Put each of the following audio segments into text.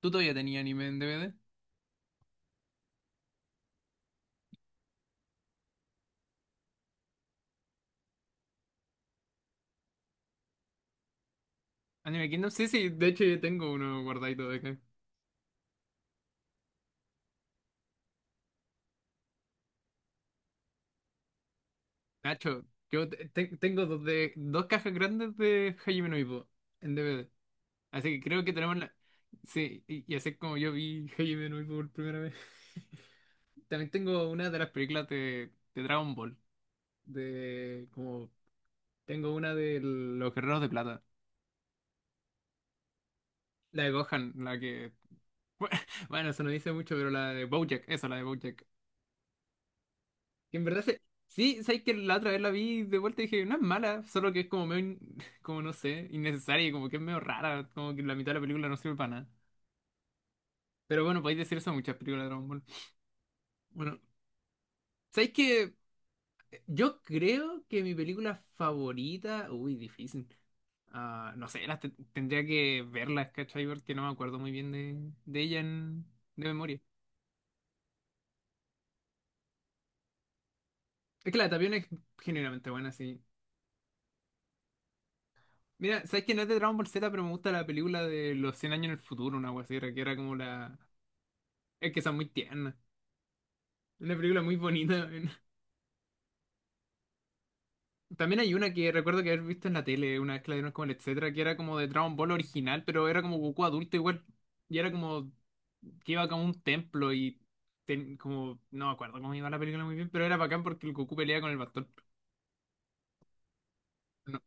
¿Tú todavía tenías anime en DVD? Anime Kingdom, sí, sí, de hecho yo tengo uno guardadito de acá. Nacho, tengo dos, de, dos cajas grandes de Hajime no Ippo en DVD. Así que creo que tenemos la... Sí, y así es como yo vi Hajime no Ippo por primera vez. También tengo una de las películas de Dragon Ball. De como... Tengo una de Los Guerreros de Plata. La de Gohan, la que... Bueno, eso no dice mucho, pero la de BoJack, esa, la de BoJack. Que en verdad se... Sí, sabes que la otra vez la vi de vuelta y dije, no es mala, solo que es como medio, como no sé, innecesaria y como que es medio rara, como que la mitad de la película no sirve para nada. Pero bueno, podéis decir eso a muchas películas de Dragon Ball. Bueno, sabéis que yo creo que mi película favorita, uy, difícil. Ah, no sé, tendría que verlas, ¿cachai? Porque no me acuerdo muy bien de ella de memoria. Es que la de Tapión es generalmente buena, sí. Mira, sabes que no es de Dragon Ball Z, pero me gusta la película de los 100 años en el futuro, una wea así, que era como la. Es que son muy tiernas. Una película muy bonita. Weón. También hay una que recuerdo que haber visto en la tele, una vez que la dieron como el etcétera, que era como de Dragon Ball original, pero era como Goku adulto igual. Y era como que iba como a un templo y como no me acuerdo cómo iba la película muy bien, pero era bacán porque el Goku pelea con el bastón. No,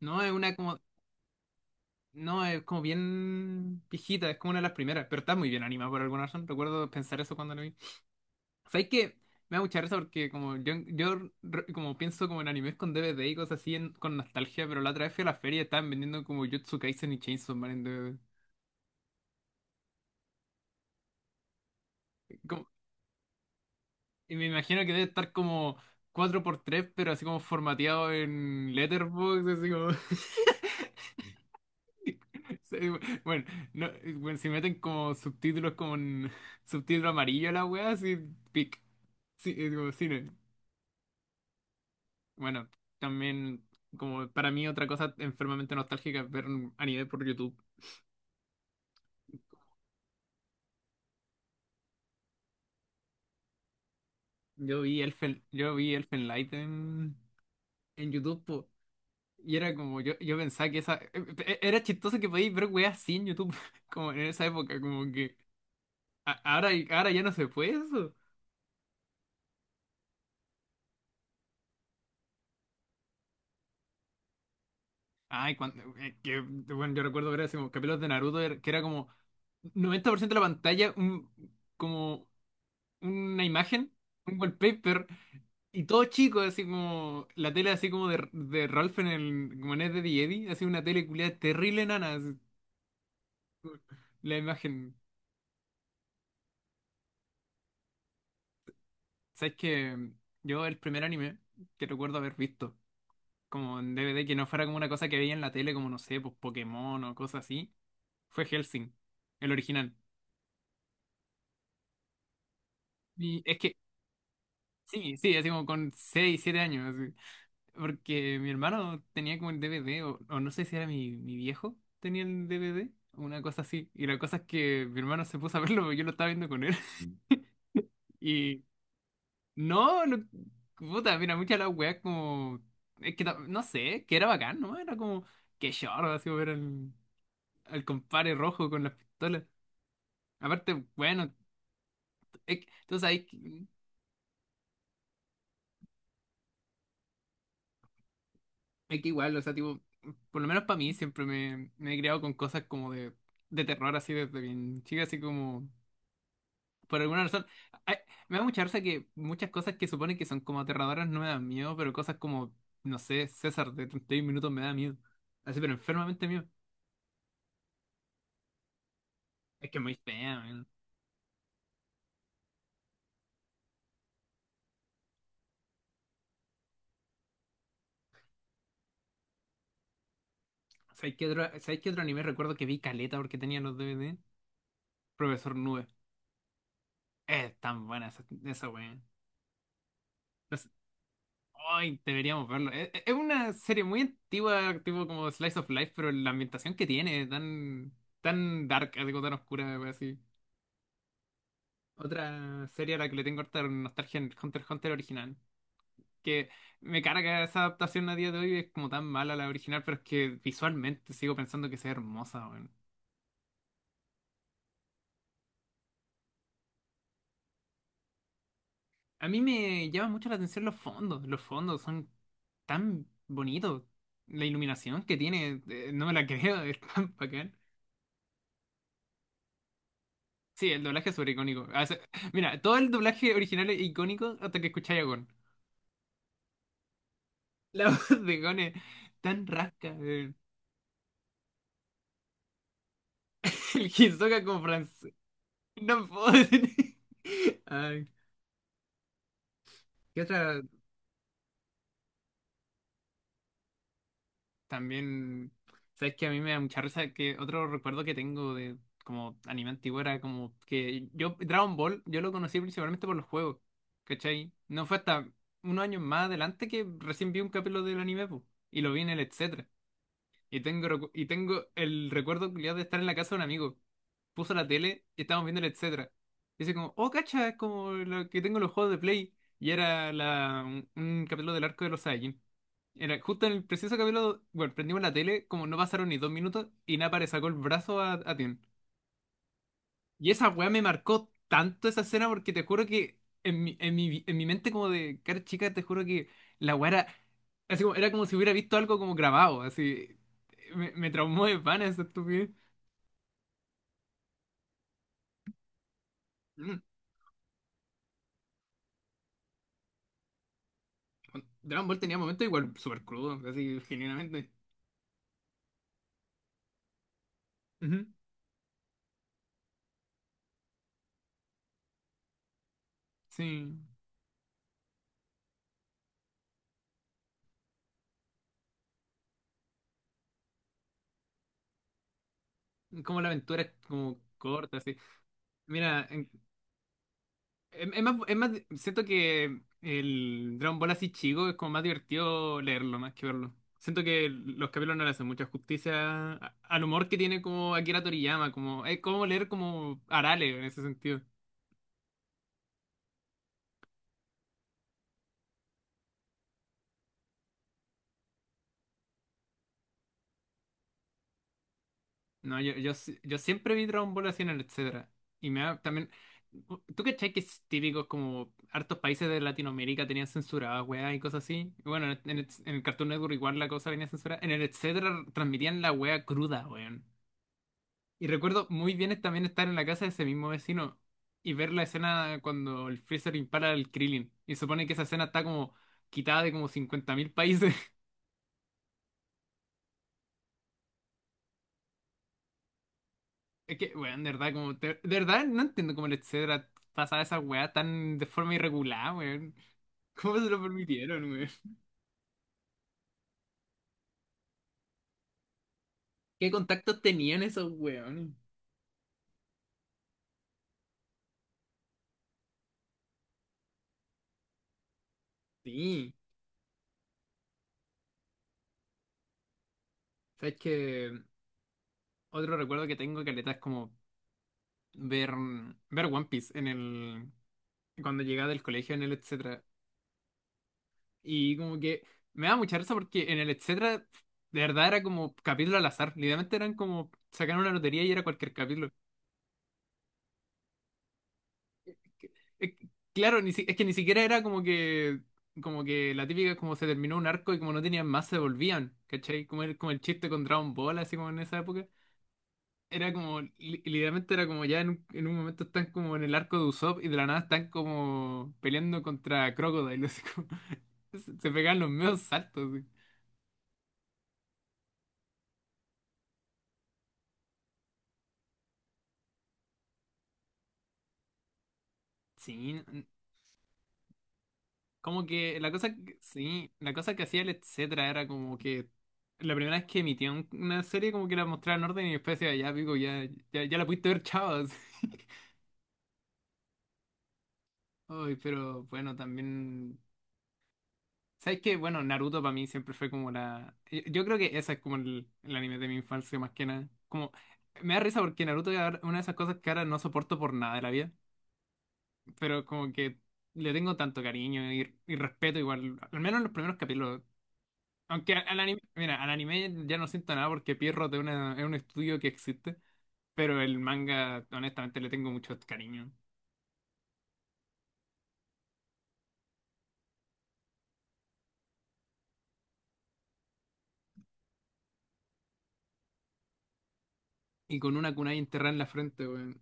no es una como no es como bien viejita, es como una de las primeras, pero está muy bien animada por alguna razón. Recuerdo pensar eso cuando la vi. ¿Sabes qué? Me da mucha risa porque como yo re- como pienso como en animes con DVD y cosas así con nostalgia, pero la otra vez fui a la feria y estaban vendiendo como Jujutsu Kaisen y Chainsaw Man en DVD. Como- y me imagino que debe estar como cuatro por tres pero así como formateado en Letterboxd, así como... Sí, bueno, no, bueno, si meten como subtítulos como en subtítulo amarillo a la wea, así pic. Sí, es como cine. Bueno, también, como para mí otra cosa enfermamente nostálgica es ver a nivel por YouTube. Yo vi Elfen Light en YouTube, po, y era como, yo pensaba que esa... Era chistoso que podíais ver weas así en YouTube, como en esa época, como que... ahora, ahora ya no se puede eso. Ay, cuando... que, bueno, yo recuerdo ver así como capítulos de Naruto, que era como 90% de la pantalla, como una imagen, un wallpaper. Y todo chico, así como la tele así como de Ralph en el como en Ed, Eddie y Eddie, así una tele culiada terrible nana, así, la imagen. ¿Sabes que yo el primer anime que recuerdo haber visto, como en DVD, que no fuera como una cosa que veía en la tele, como no sé, pues Pokémon o cosas así, fue Hellsing, el original? Y es que, sí, sí, así como con 6 7 años, así. Porque mi hermano tenía como el DVD, o no sé si era mi viejo, tenía el DVD, una cosa así. Y la cosa es que mi hermano se puso a verlo, porque yo lo estaba viendo con él. Y no, puta, mira, muchas de las weas como... Es que no sé, que era bacán, ¿no? Era como, qué chorro, así ver al, al compadre rojo con las pistolas. Aparte, bueno, es que- entonces hay, que- es que igual, o sea, tipo, por lo menos para mí siempre me he criado con cosas como de terror, así desde bien chica, así como... Por alguna razón, ay, me da mucha risa que muchas cosas que suponen que son como aterradoras no me dan miedo, pero cosas como, no sé, César de 31 minutos me da miedo. Así, pero enfermamente miedo. Es que es muy fea, man. ¿Sabes qué otro anime recuerdo que vi caleta porque tenía los DVD? Profesor Nube. Es tan buena esa, esa wea. No sé, ay, deberíamos verlo. Es, es una serie muy antigua, tipo como Slice of Life, pero la ambientación que tiene, tan dark, algo tan oscura, wea, así. Otra serie a la que le tengo harta nostalgia en Hunter x Hunter original. Que me carga esa adaptación a día de hoy, es como tan mala la original, pero es que visualmente sigo pensando que sea hermosa, weón. A mí me llama mucho la atención los fondos. Los fondos son tan bonitos. La iluminación que tiene, no me la creo, es tan bacán. Sí, el doblaje es sobre icónico. Mira, todo el doblaje original es icónico hasta que escucháis a Gon. La voz de Gon es tan rasca. El Hisoka con francés. No puedo decir. Ay, ¿qué otra? También, sabes que a mí me da mucha risa que otro recuerdo que tengo de como anime antiguo era como que Dragon Ball, yo lo conocí principalmente por los juegos, ¿cachai? No fue hasta unos años más adelante que recién vi un capítulo del anime, po, y lo vi en el etc. Y tengo, y tengo el recuerdo culiado de estar en la casa de un amigo. Puso la tele y estábamos viendo el etcétera. Y dice como, oh, cacha, es como lo que tengo en los juegos de Play. Y era un capítulo del arco de los Saiyajin. Era justo en el preciso capítulo, bueno, prendimos la tele, como no pasaron ni dos minutos, y Nappa le sacó el brazo a Tien. Y esa weá me marcó tanto esa escena porque te juro que en mi mente como de cara chica, te juro que la weá era, así como, era como si hubiera visto algo como grabado, así. Me traumó de pana esa estupidez. Mm. Dragon Ball tenía momentos igual súper crudos, así, genuinamente. Ujú. Sí, como la aventura es como corta, así. Mira, en- Es, es más, siento que el Dragon Ball así chico es como más divertido leerlo más que verlo. Siento que los capítulos no le hacen mucha justicia al humor que tiene como Akira Toriyama, como es como leer como Arale en ese sentido. No, yo, si- yo siempre vi Dragon Ball así en el etcétera. Y me da también. ¿Tú cachai que es típico como hartos países de Latinoamérica tenían censuradas, weá, y cosas así? Bueno, en el Cartoon Network igual la cosa venía censurada. En el etcétera transmitían la weá cruda, weón. Y recuerdo muy bien es también estar en la casa de ese mismo vecino y ver la escena cuando el Freezer impara al Krillin. Y supone que esa escena está como quitada de como 50.000 países. Es que, weón, de verdad, como, verdad no entiendo cómo el etcétera pasaba esa weá tan de forma irregular, weón. ¿Cómo se lo permitieron, weón? ¿Qué contactos tenían esos weones? Sí. ¿Sabes que otro recuerdo que tengo, caleta, es como ver, ver One Piece en el, cuando llegaba del colegio en el etcétera? Y como que me da mucha risa porque en el etcétera, de verdad era como capítulo al azar. Literalmente eran como sacar una lotería y era cualquier capítulo. Que- es Claro, ni si- es que ni siquiera era como que la típica como se terminó un arco y como no tenían más se volvían, ¿cachai? Como el chiste con Dragon Ball, así como en esa época. Era como, literalmente era como ya en un momento están como en el arco de Usopp y de la nada están como peleando contra Crocodile, así como- se pegaban los medios saltos. Así. Sí, como que la cosa que, sí, la cosa que hacía el etcétera era como que la primera vez que emitía una serie como que la mostraba en orden y después decía, ya pico, ya la pudiste ver, chavos. Ay, pero bueno, también. ¿Sabes qué? Bueno, Naruto para mí siempre fue como la. Yo creo que esa es como el anime de mi infancia más que nada. Como. Me da risa porque Naruto es ahora- una de esas cosas que ahora no soporto por nada de la vida. Pero como que le tengo tanto cariño y respeto igual. Al menos en los primeros capítulos. Aunque al anime, mira, al anime ya no siento nada porque Pierrot es, es un estudio que existe, pero el manga, honestamente, le tengo mucho cariño. Y con una kunai enterrada en la frente, weón.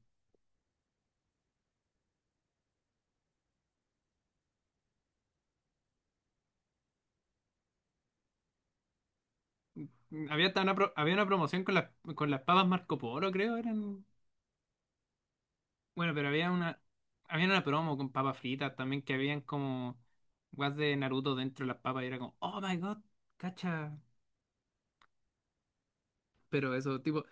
Había una promoción con con las papas Marco Polo, creo, eran. Bueno, pero había una, Había una promo con papas fritas también que habían como guas de Naruto dentro de las papas y era como, oh my god, cacha. Pero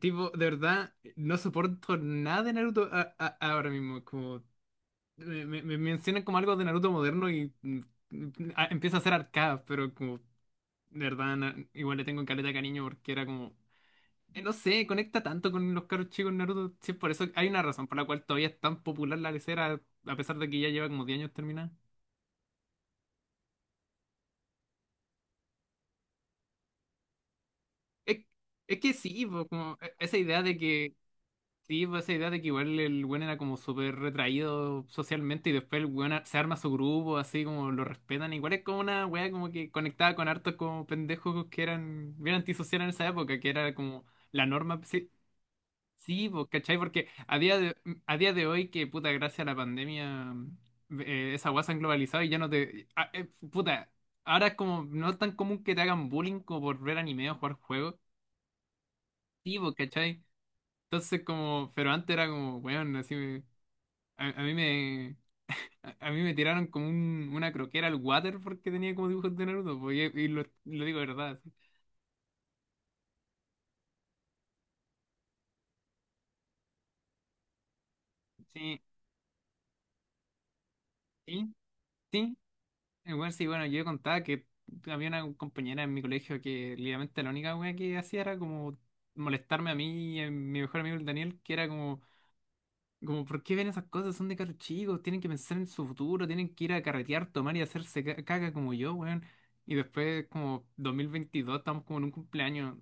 tipo, de verdad, no soporto nada de Naruto ahora mismo, como. Me mencionan como algo de Naruto moderno y mm, empieza a ser arcada, pero como, de verdad, igual le tengo caleta de cariño porque era como, no sé, conecta tanto con los caros chicos en Naruto. Sí, por eso hay una razón por la cual todavía es tan popular la lecera, a pesar de que ya lleva como 10 años terminada. Es, es que sí, po, como esa idea de que sí, pues esa idea de que igual el weón era como súper retraído socialmente y después el weón se arma su grupo, así como lo respetan. Igual es como una weá como que conectaba con hartos como pendejos que eran bien antisociales en esa época, que era como la norma. Sí, sí, pues, ¿cachai? Porque a día de, a día de hoy, que puta, gracias a la pandemia, esa weá se han globalizado y ya no te. Puta, Ahora es como no es tan común que te hagan bullying como por ver anime o jugar juegos. Sí, pues, ¿cachai? Entonces, como, pero antes era como, weón, así. A, a mí me, a mí me tiraron como una croquera al water porque tenía como dibujos de Naruto, po, y, lo digo de verdad. Sí, sí, sí. Igual sí, bueno, yo contaba que había una compañera en mi colegio que literalmente la única wea que hacía era como molestarme a mí y a mi mejor amigo el Daniel, que era como, como, ¿por qué ven esas cosas? Son de carros chicos, tienen que pensar en su futuro, tienen que ir a carretear, tomar y hacerse caca como yo, weón. Y después, como 2022, estamos como en un cumpleaños,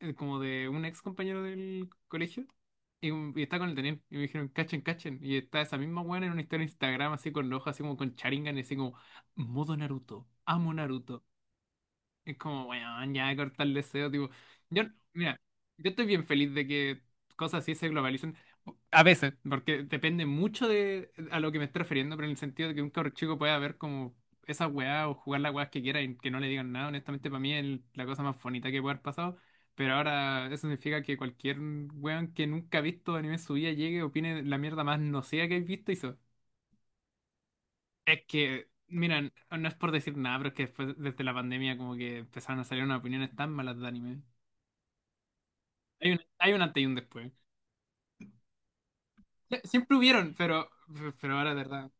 como de un ex compañero del colegio y está con el Daniel y me dijeron cachen cachen y está esa misma buena en una historia de Instagram así con los ojos así como con Sharingan y así como modo Naruto amo Naruto es como, weón, ya cortar el deseo, tipo. Yo, mira, yo estoy bien feliz de que cosas así se globalicen. A veces, porque depende mucho de a lo que me estoy refiriendo, pero en el sentido de que un cabro chico pueda ver como esas weas o jugar las weas que quiera y que no le digan nada. Honestamente, para mí es la cosa más bonita que puede haber pasado. Pero ahora eso significa que cualquier weón que nunca ha visto anime en su vida llegue, opine la mierda más nociva que he visto y se es que, mira, no es por decir nada, pero es que después, desde la pandemia, como que empezaron a salir unas opiniones tan malas de anime. Hay un antes y un después. Siempre hubieron, pero ahora,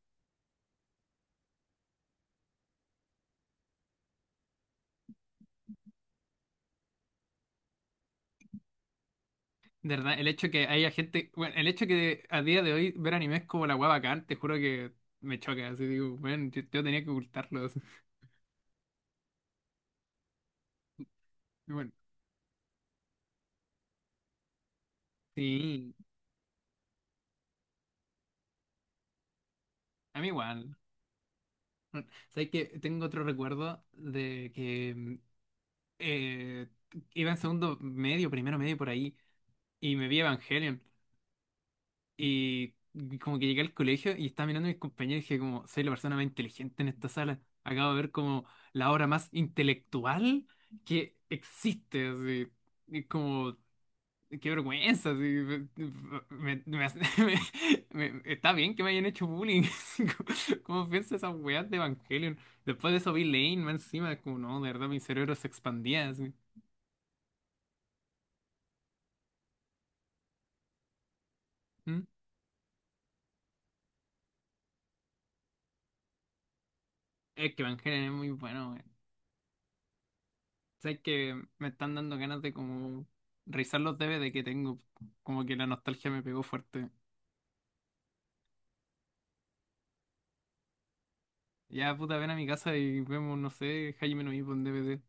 de verdad, el hecho que haya gente, bueno, el hecho que a día de hoy ver anime es como la hueá bacán, te juro que me choca. Así digo, bueno, yo tenía que ocultarlo. Así. Y bueno, sí, a mí igual. ¿Sabes que tengo otro recuerdo de que eh, iba en segundo medio, primero medio por ahí, y me vi Evangelion? Y como que llegué al colegio y estaba mirando a mis compañeros y dije como, soy la persona más inteligente en esta sala. Acabo de ver como la obra más intelectual que existe. Así. Y como, qué vergüenza. Así, me- me hace- está bien que me hayan hecho bullying. así como, ¿cómo pienso esas weas de Evangelion? Después de eso vi Lane más encima, como no, de verdad mi cerebro se expandía. Así. ¿Mm? Es que Evangelion es muy bueno. Sabes que me están dando ganas de como revisar los DVD que tengo. Como que la nostalgia me pegó fuerte. Ya, puta, ven a mi casa y vemos, no sé, Jaime Nuivo en DVD.